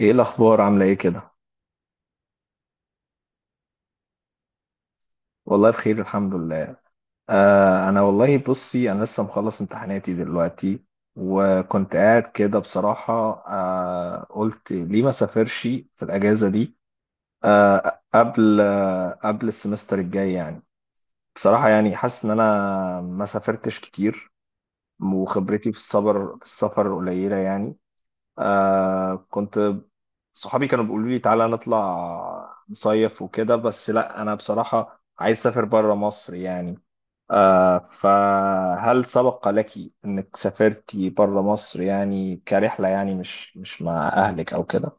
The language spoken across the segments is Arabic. ايه الاخبار؟ عامله ايه كده؟ والله بخير الحمد لله. آه انا والله بصي انا لسه مخلص امتحاناتي دلوقتي، وكنت قاعد كده بصراحه. آه قلت ليه ما سافرش في الاجازه دي، آه قبل قبل السمستر الجاي يعني. بصراحه يعني حاسس ان انا ما سافرتش كتير، وخبرتي في السفر في السفر قليله يعني. آه كنت صحابي كانوا بيقولوا لي تعالى نطلع نصيف وكده، بس لا انا بصراحة عايز اسافر بره مصر يعني. آه فهل سبق لك انك سافرتي بره مصر يعني كرحلة، يعني مش مع اهلك او كده؟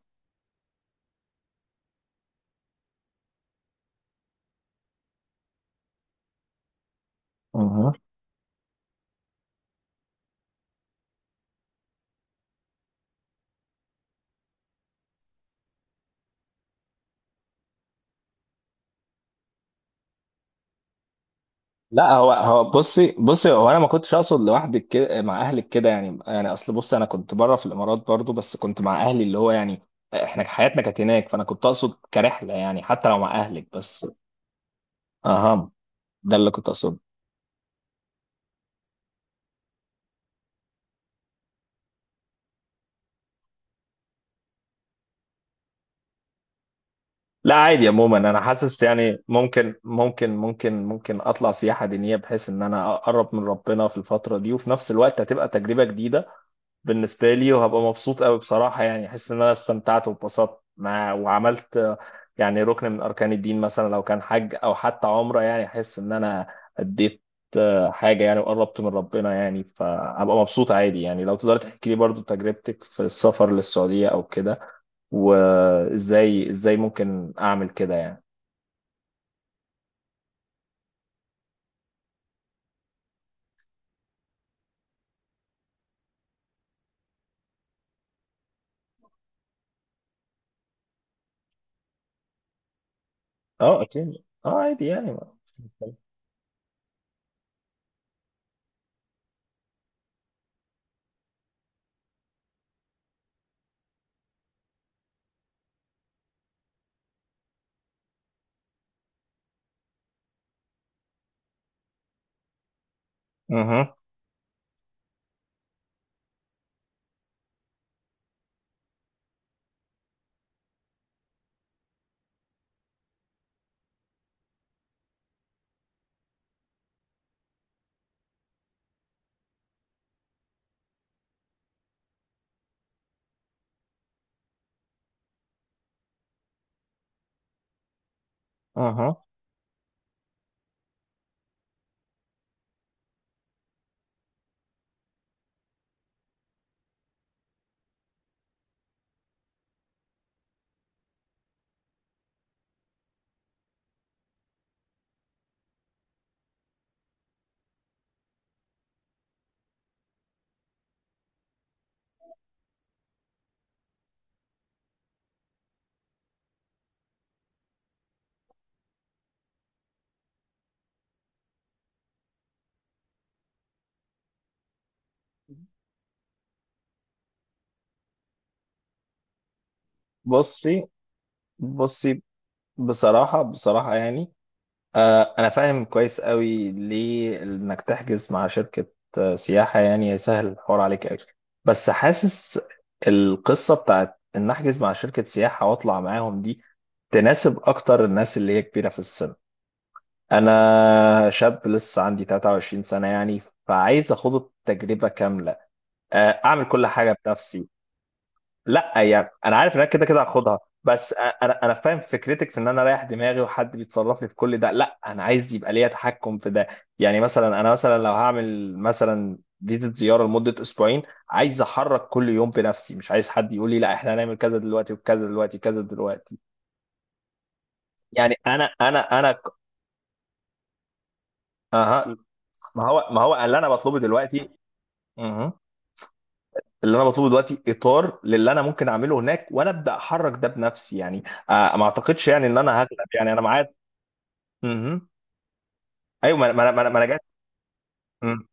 مهم. لا هو هو بصي هو انا ما كنتش اقصد لوحدك، كده مع اهلك كده يعني، يعني اصل بصي انا كنت بره في الامارات برضو، بس كنت مع اهلي اللي هو يعني احنا حياتنا كانت هناك، فانا كنت اقصد كرحلة يعني حتى لو مع اهلك بس. اهم. ده اللي كنت اقصده. لا عادي، عموما انا حاسس يعني ممكن اطلع سياحه دينيه بحيث ان انا اقرب من ربنا في الفتره دي، وفي نفس الوقت هتبقى تجربه جديده بالنسبه لي، وهبقى مبسوط قوي بصراحه، يعني احس ان انا استمتعت واتبسطت مع وعملت يعني ركن من اركان الدين، مثلا لو كان حج او حتى عمره، يعني احس ان انا اديت حاجه يعني وقربت من ربنا يعني، فهبقى مبسوط عادي. يعني لو تقدر تحكي لي برضو تجربتك في السفر للسعوديه او كده، وازاي ازاي ممكن اعمل كده يعني. اه اكيد، اه عادي يعني اها. اها. بصي بصي بصراحة، بصراحة يعني آه انا فاهم كويس قوي ليه انك تحجز مع شركة آه، سياحة، يعني سهل الحوار عليك قوي. بس حاسس القصة بتاعت ان احجز مع شركة سياحة واطلع معاهم دي تناسب اكتر الناس اللي هي كبيرة في السن. انا شاب لسه عندي 23 سنة يعني، فعايز اخد التجربة كاملة آه، اعمل كل حاجة بنفسي. لا يعني انا عارف ان انا كده كده هاخدها، بس انا فاهم فكرتك في ان انا رايح دماغي وحد بيتصرف لي في كل ده. لا انا عايز يبقى ليا تحكم في ده يعني، مثلا انا مثلا لو هعمل مثلا فيزة زيارة لمدة اسبوعين، عايز احرك كل يوم بنفسي، مش عايز حد يقول لي لا احنا هنعمل كذا دلوقتي وكذا دلوقتي وكذا دلوقتي يعني انا اها. مم. ما هو ما هو اللي انا بطلبه دلوقتي. مهم. اللي انا بطلبه دلوقتي اطار للي انا ممكن اعمله هناك، وانا ابدا احرك ده بنفسي يعني. آه ما اعتقدش يعني ان انا هغلب، يعني انا معايا. مهم. ايوه ما ما ما انا ما أنا جات. مم.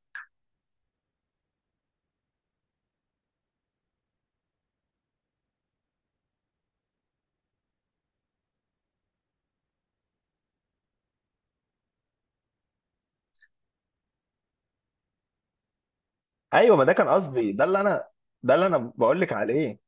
ايوه ما ده كان قصدي، ده اللي انا ده اللي انا بقول لك عليه.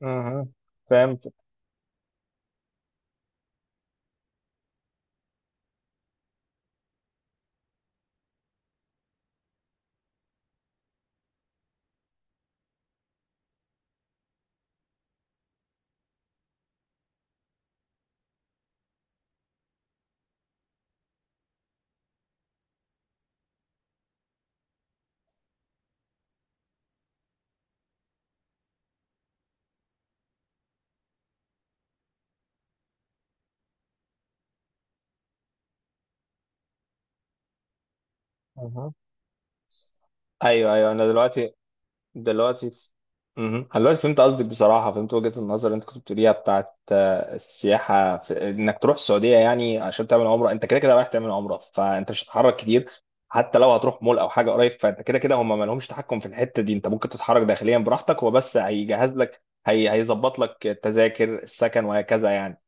مهم. فهمت. مهم. ايوه، ايوه انا دلوقتي دلوقتي مهم. أنا دلوقتي فهمت قصدك بصراحة، فهمت وجهة النظر اللي أنت كنت بتقوليها بتاعت آه، السياحة في إنك تروح السعودية يعني عشان تعمل عمرة. أنت كده كده رايح تعمل عمرة، فأنت مش هتتحرك كتير. حتى لو هتروح مول أو حاجة قريب، فأنت كده كده هم ما لهمش تحكم في الحتة دي، أنت ممكن تتحرك داخليا براحتك. هو بس هيجهز لك هي هيظبط لك التذاكر السكن وهكذا يعني.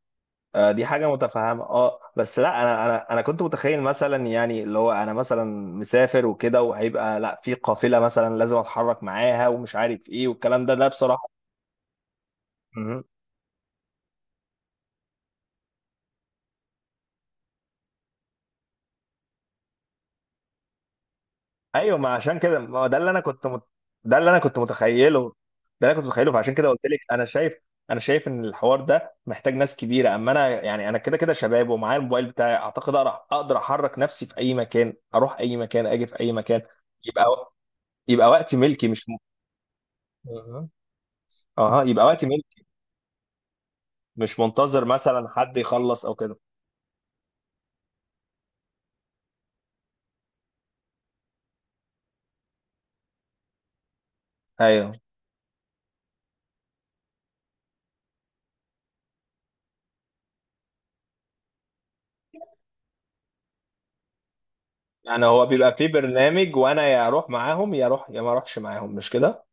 آه، دي حاجة متفهمة اه. بس لا انا انا كنت متخيل مثلا يعني اللي هو انا مثلا مسافر وكده، وهيبقى لا في قافلة مثلا لازم اتحرك معاها ومش عارف ايه والكلام ده، ده بصراحة. مهم. ايوه ما عشان كده ما هو ده اللي انا ده اللي انا كنت متخيله. ده اللي انا كنت متخيله، فعشان كده قلت لك انا شايف، انا شايف ان الحوار ده محتاج ناس كبيرة، اما انا يعني انا كده كده شباب ومعايا الموبايل بتاعي، اعتقد اقدر اقدر احرك نفسي في اي مكان، اروح اي مكان، اجي في اي مكان. يبقى يبقى وقتي ملكي، مش مهم. اها يبقى وقت ملك، مش منتظر مثلا حد يخلص او كده. ايوه. يعني هو بيبقى فيه برنامج وانا يا اروح معاهم يا اروح، يا ما اروحش معاهم، مش كده؟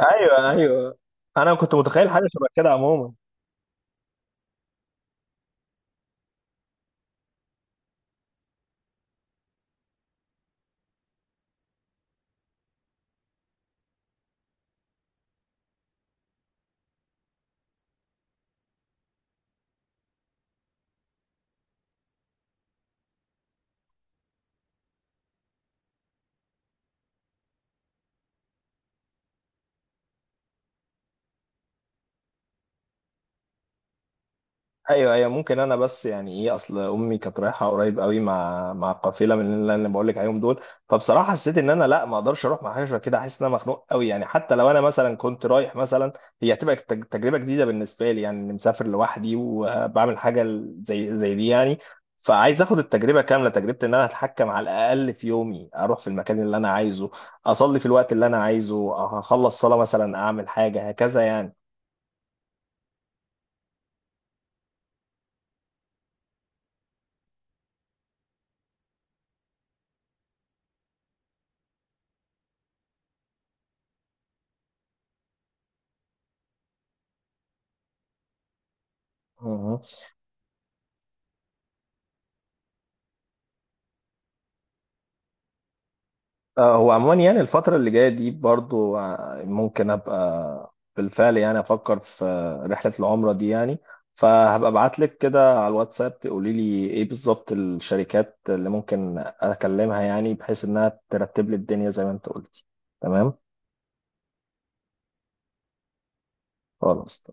ايوه، ايوه انا كنت متخيل حاجه شبه كده عموما. ايوه، ايوه ممكن. انا بس يعني ايه، اصل امي كانت رايحه قريب قوي مع مع قافله من اللي انا بقول لك عليهم دول، فبصراحه حسيت ان انا لا ما اقدرش اروح مع حاجه شبه كده، احس ان انا مخنوق قوي يعني. حتى لو انا مثلا كنت رايح مثلا هي هتبقى تجربه جديده بالنسبه لي، يعني اني مسافر لوحدي وبعمل حاجه زي دي يعني. فعايز اخد التجربه كامله، تجربه ان انا اتحكم على الاقل في يومي، اروح في المكان اللي انا عايزه، اصلي في الوقت اللي انا عايزه، اخلص صلاه مثلا اعمل حاجه هكذا يعني. آه، هو عموما يعني الفترة اللي جاية دي برضو آه، ممكن أبقى بالفعل يعني أفكر في آه، رحلة العمرة دي يعني، فهبقى ابعت لك كده على الواتساب تقولي لي إيه بالظبط الشركات اللي ممكن أكلمها، يعني بحيث إنها ترتب لي الدنيا زي ما أنت قلتي. تمام. خلاص.